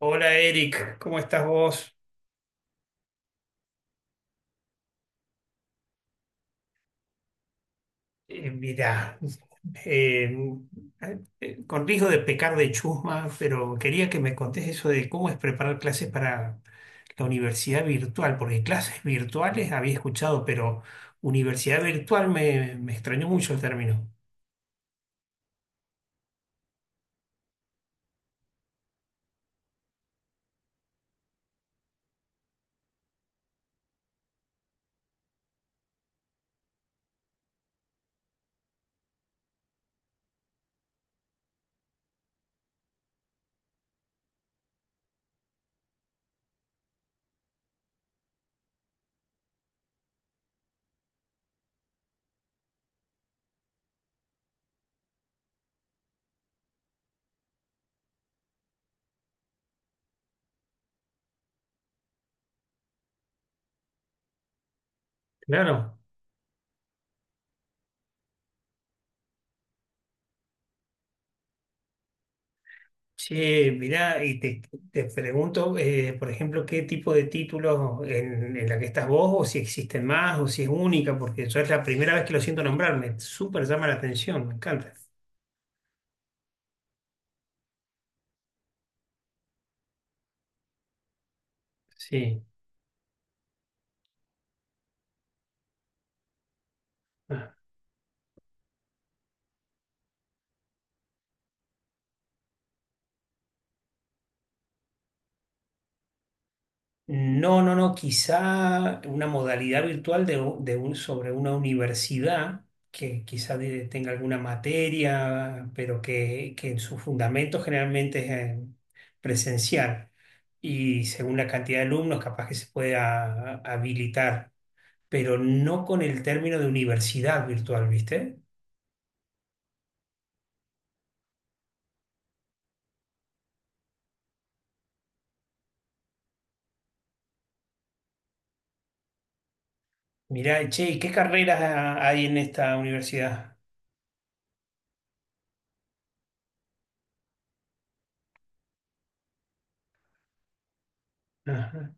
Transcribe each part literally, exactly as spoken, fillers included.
Hola Eric, ¿cómo estás vos? Eh, mirá, eh, eh, con riesgo de pecar de chusma, pero quería que me contés eso de cómo es preparar clases para la universidad virtual, porque clases virtuales había escuchado, pero universidad virtual me, me extrañó mucho el término. Claro. Sí, mirá, y te, te pregunto, eh, por ejemplo, qué tipo de títulos en, en la que estás vos, o si existen más, o si es única, porque yo es la primera vez que lo siento nombrar, me súper llama la atención, me encanta. Sí. No, no, no, quizá una modalidad virtual de, u- de un, sobre una universidad que quizá de- tenga alguna materia, pero que, que en su fundamento generalmente es eh, presencial. Y según la cantidad de alumnos, capaz que se pueda habilitar, pero no con el término de universidad virtual, ¿viste? Mirá, che, ¿y qué carreras ah, hay en esta universidad? Ajá,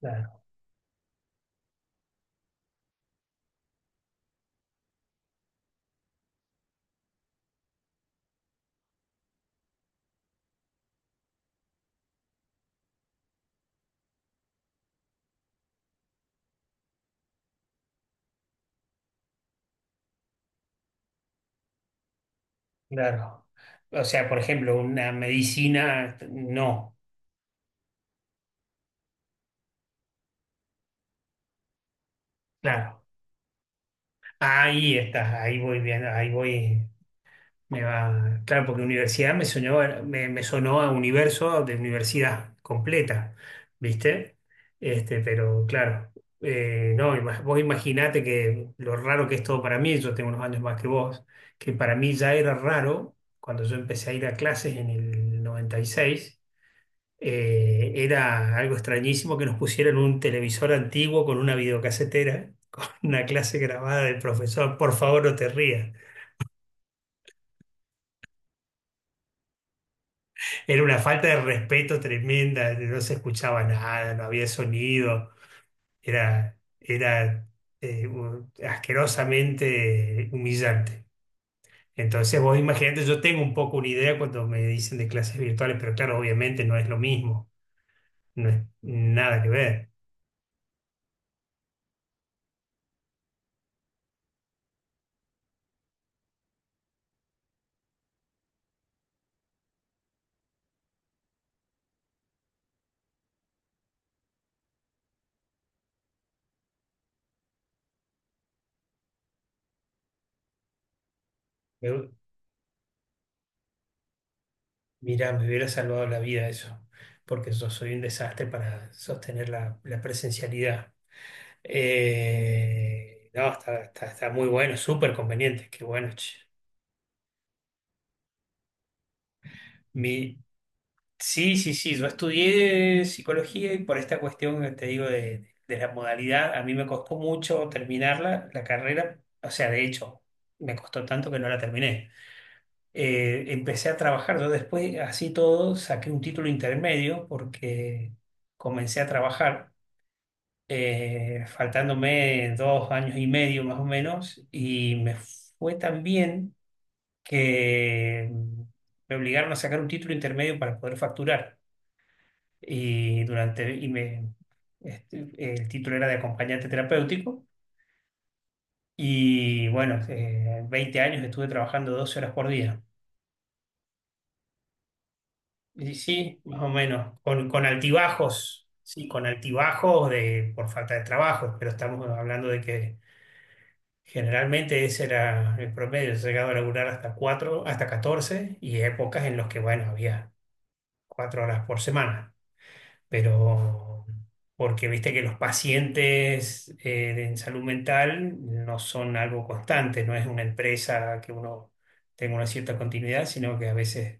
claro, claro. O sea, por ejemplo, una medicina, no. Claro, ahí estás, ahí voy viendo, ahí voy, me va, claro, porque universidad me sonó, me, me sonó a universo de universidad completa, ¿viste? Este, pero claro, eh, no, ima- vos imaginate que lo raro que es todo para mí. Yo tengo unos años más que vos, que para mí ya era raro cuando yo empecé a ir a clases en el noventa y seis. Eh, era algo extrañísimo que nos pusieran un televisor antiguo con una videocasetera, con una clase grabada del profesor. Por favor, no te rías. Era una falta de respeto tremenda, no se escuchaba nada, no había sonido. Era, era eh, un- asquerosamente humillante. Entonces vos imaginate, yo tengo un poco una idea cuando me dicen de clases virtuales, pero claro, obviamente no es lo mismo, no es nada que ver. Mira, me hubiera salvado la vida eso, porque yo soy un desastre para sostener la, la presencialidad. Eh, no, está, está- está muy bueno, súper conveniente, qué bueno, che. Mi, sí, sí, sí, yo estudié psicología y por esta cuestión que te digo de, de la modalidad, a mí me costó mucho terminarla, la carrera, o sea, de hecho, me costó tanto que no la terminé. Eh, empecé a trabajar. Yo después, así todo, saqué un título intermedio porque comencé a trabajar, eh, faltándome dos años y medio más o menos, y me fue tan bien que me obligaron a sacar un título intermedio para poder facturar. Y durante, y me, este, El título era de acompañante terapéutico. Y bueno, eh, veinte años estuve trabajando doce horas por día. Y sí, más o menos, con, con altibajos, sí, con altibajos de, por falta de trabajo, pero estamos hablando de que generalmente ese era el promedio. He llegado a laburar hasta cuatro hasta catorce, y épocas en las que, bueno, había cuatro horas por semana, pero porque viste que los pacientes eh, en salud mental no son algo constante, no es una empresa que uno tenga una cierta continuidad, sino que a veces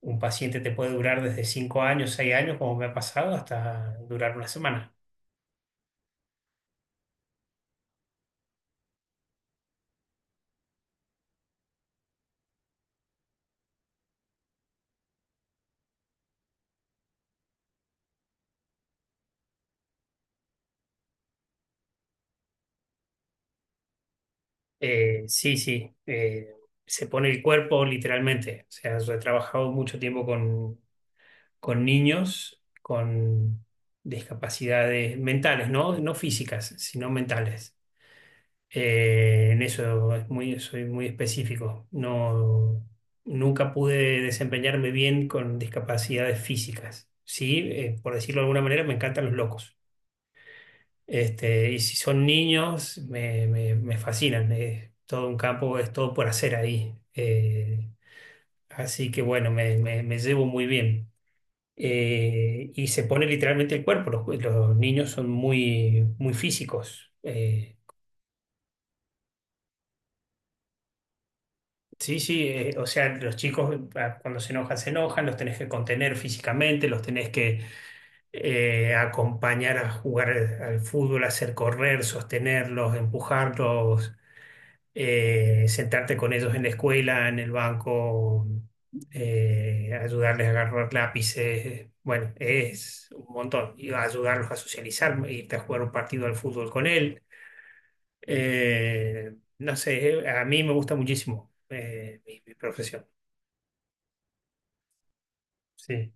un paciente te puede durar desde cinco años, seis años, como me ha pasado, hasta durar una semana. Eh, sí, sí, eh, se pone el cuerpo literalmente. O sea, yo he trabajado mucho tiempo con, con niños con discapacidades mentales, ¿no? No físicas, sino mentales. Eh, en eso es muy, soy muy específico. No, nunca pude desempeñarme bien con discapacidades físicas. Sí, eh, por decirlo de alguna manera, me encantan los locos. Este, y si son niños, me, me- me fascinan. Es todo un campo, es todo por hacer ahí. Eh, así que bueno, me, me- me llevo muy bien. Eh, y se pone literalmente el cuerpo. Los, los niños son muy, muy físicos. Eh, sí, sí, eh, o sea, los chicos ah, cuando se enojan, se enojan, los tenés que contener físicamente, los tenés que eh, acompañar a jugar al fútbol, hacer correr, sostenerlos, empujarlos, eh, sentarte con ellos en la escuela, en el banco, eh, ayudarles a agarrar lápices, bueno, es un montón. Y ayudarlos a socializar, irte a jugar un partido al fútbol con él. Eh, no sé, a mí me gusta muchísimo eh, mi, mi profesión. Sí.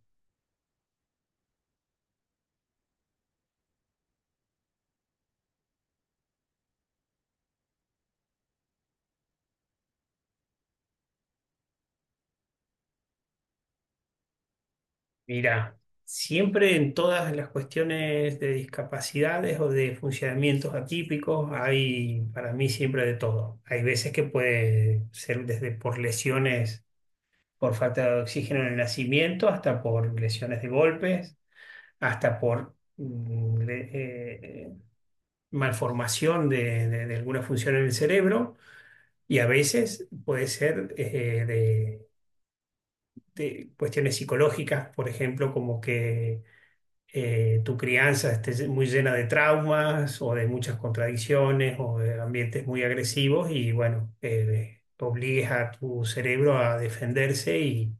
Mira, siempre en todas las cuestiones de discapacidades o de funcionamientos atípicos hay para mí siempre de todo. Hay veces que puede ser desde por lesiones por falta de oxígeno en el nacimiento, hasta por lesiones de golpes, hasta por mm, le- eh, malformación de, de- de alguna función en el cerebro, y a veces puede ser eh, de, de cuestiones psicológicas, por ejemplo, como que eh, tu crianza esté muy llena de traumas o de muchas contradicciones o de ambientes muy agresivos, y bueno, eh, obligues a tu cerebro a defenderse y,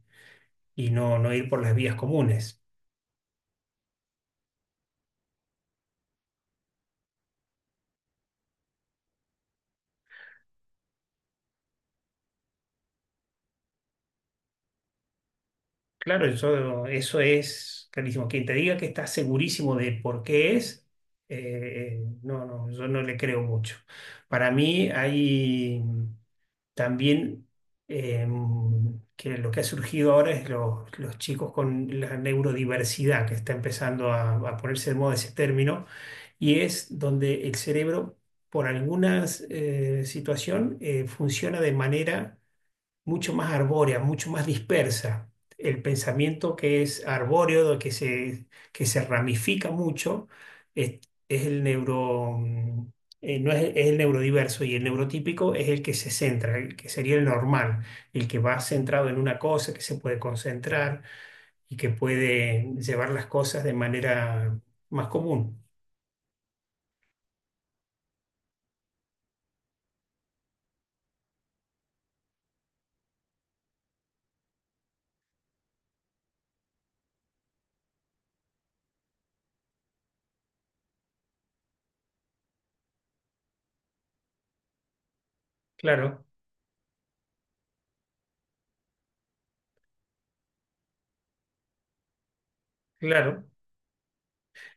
y no, no ir por las vías comunes. Claro, eso, eso es clarísimo. Quien te diga que está segurísimo de por qué es, eh, eh, no, no, yo no le creo mucho. Para mí hay también eh, que lo que ha surgido ahora es los, los chicos con la neurodiversidad, que está empezando a, a ponerse de moda ese término, y es donde el cerebro, por alguna situación, eh, funciona de manera mucho más arbórea, mucho más dispersa. El pensamiento que es arbóreo, de que se, que se ramifica mucho, es, es el neuro, mm, eh, no es, es el neurodiverso, y el neurotípico es el que se centra, el que sería el normal, el que va centrado en una cosa, que se puede concentrar y que puede llevar las cosas de manera más común. Claro, claro.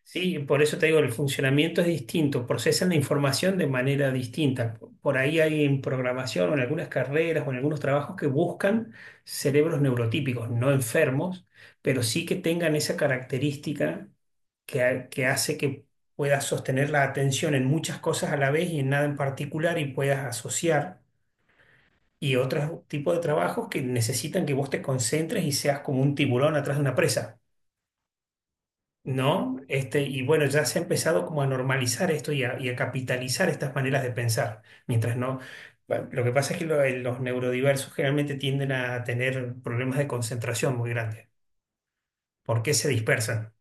Sí, por eso te digo, el funcionamiento es distinto, procesan la información de manera distinta. Por ahí hay en programación o en algunas carreras o en algunos trabajos que buscan cerebros neurotípicos, no enfermos, pero sí que tengan esa característica que, ha- que hace que puedas sostener la atención en muchas cosas a la vez y en nada en particular, y puedas asociar. Y otros tipos de trabajos que necesitan que vos te concentres y seas como un tiburón atrás de una presa. ¿No? Este, y bueno, ya se ha empezado como a normalizar esto y a, y a capitalizar estas maneras de pensar, mientras no. Bueno, lo que pasa es que lo- eh, los neurodiversos generalmente tienden a tener problemas de concentración muy grandes. ¿Porque se dispersan?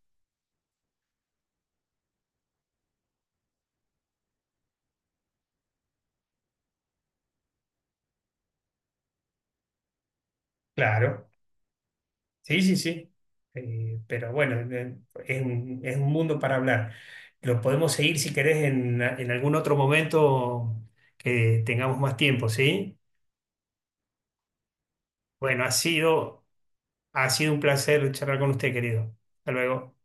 Claro, sí, sí, sí. Eh, pero bueno, eh, es un, es un mundo para hablar. Lo podemos seguir si querés en, en algún otro momento que tengamos más tiempo, ¿sí? Bueno, ha sido, Ha sido un placer charlar con usted, querido. Hasta luego.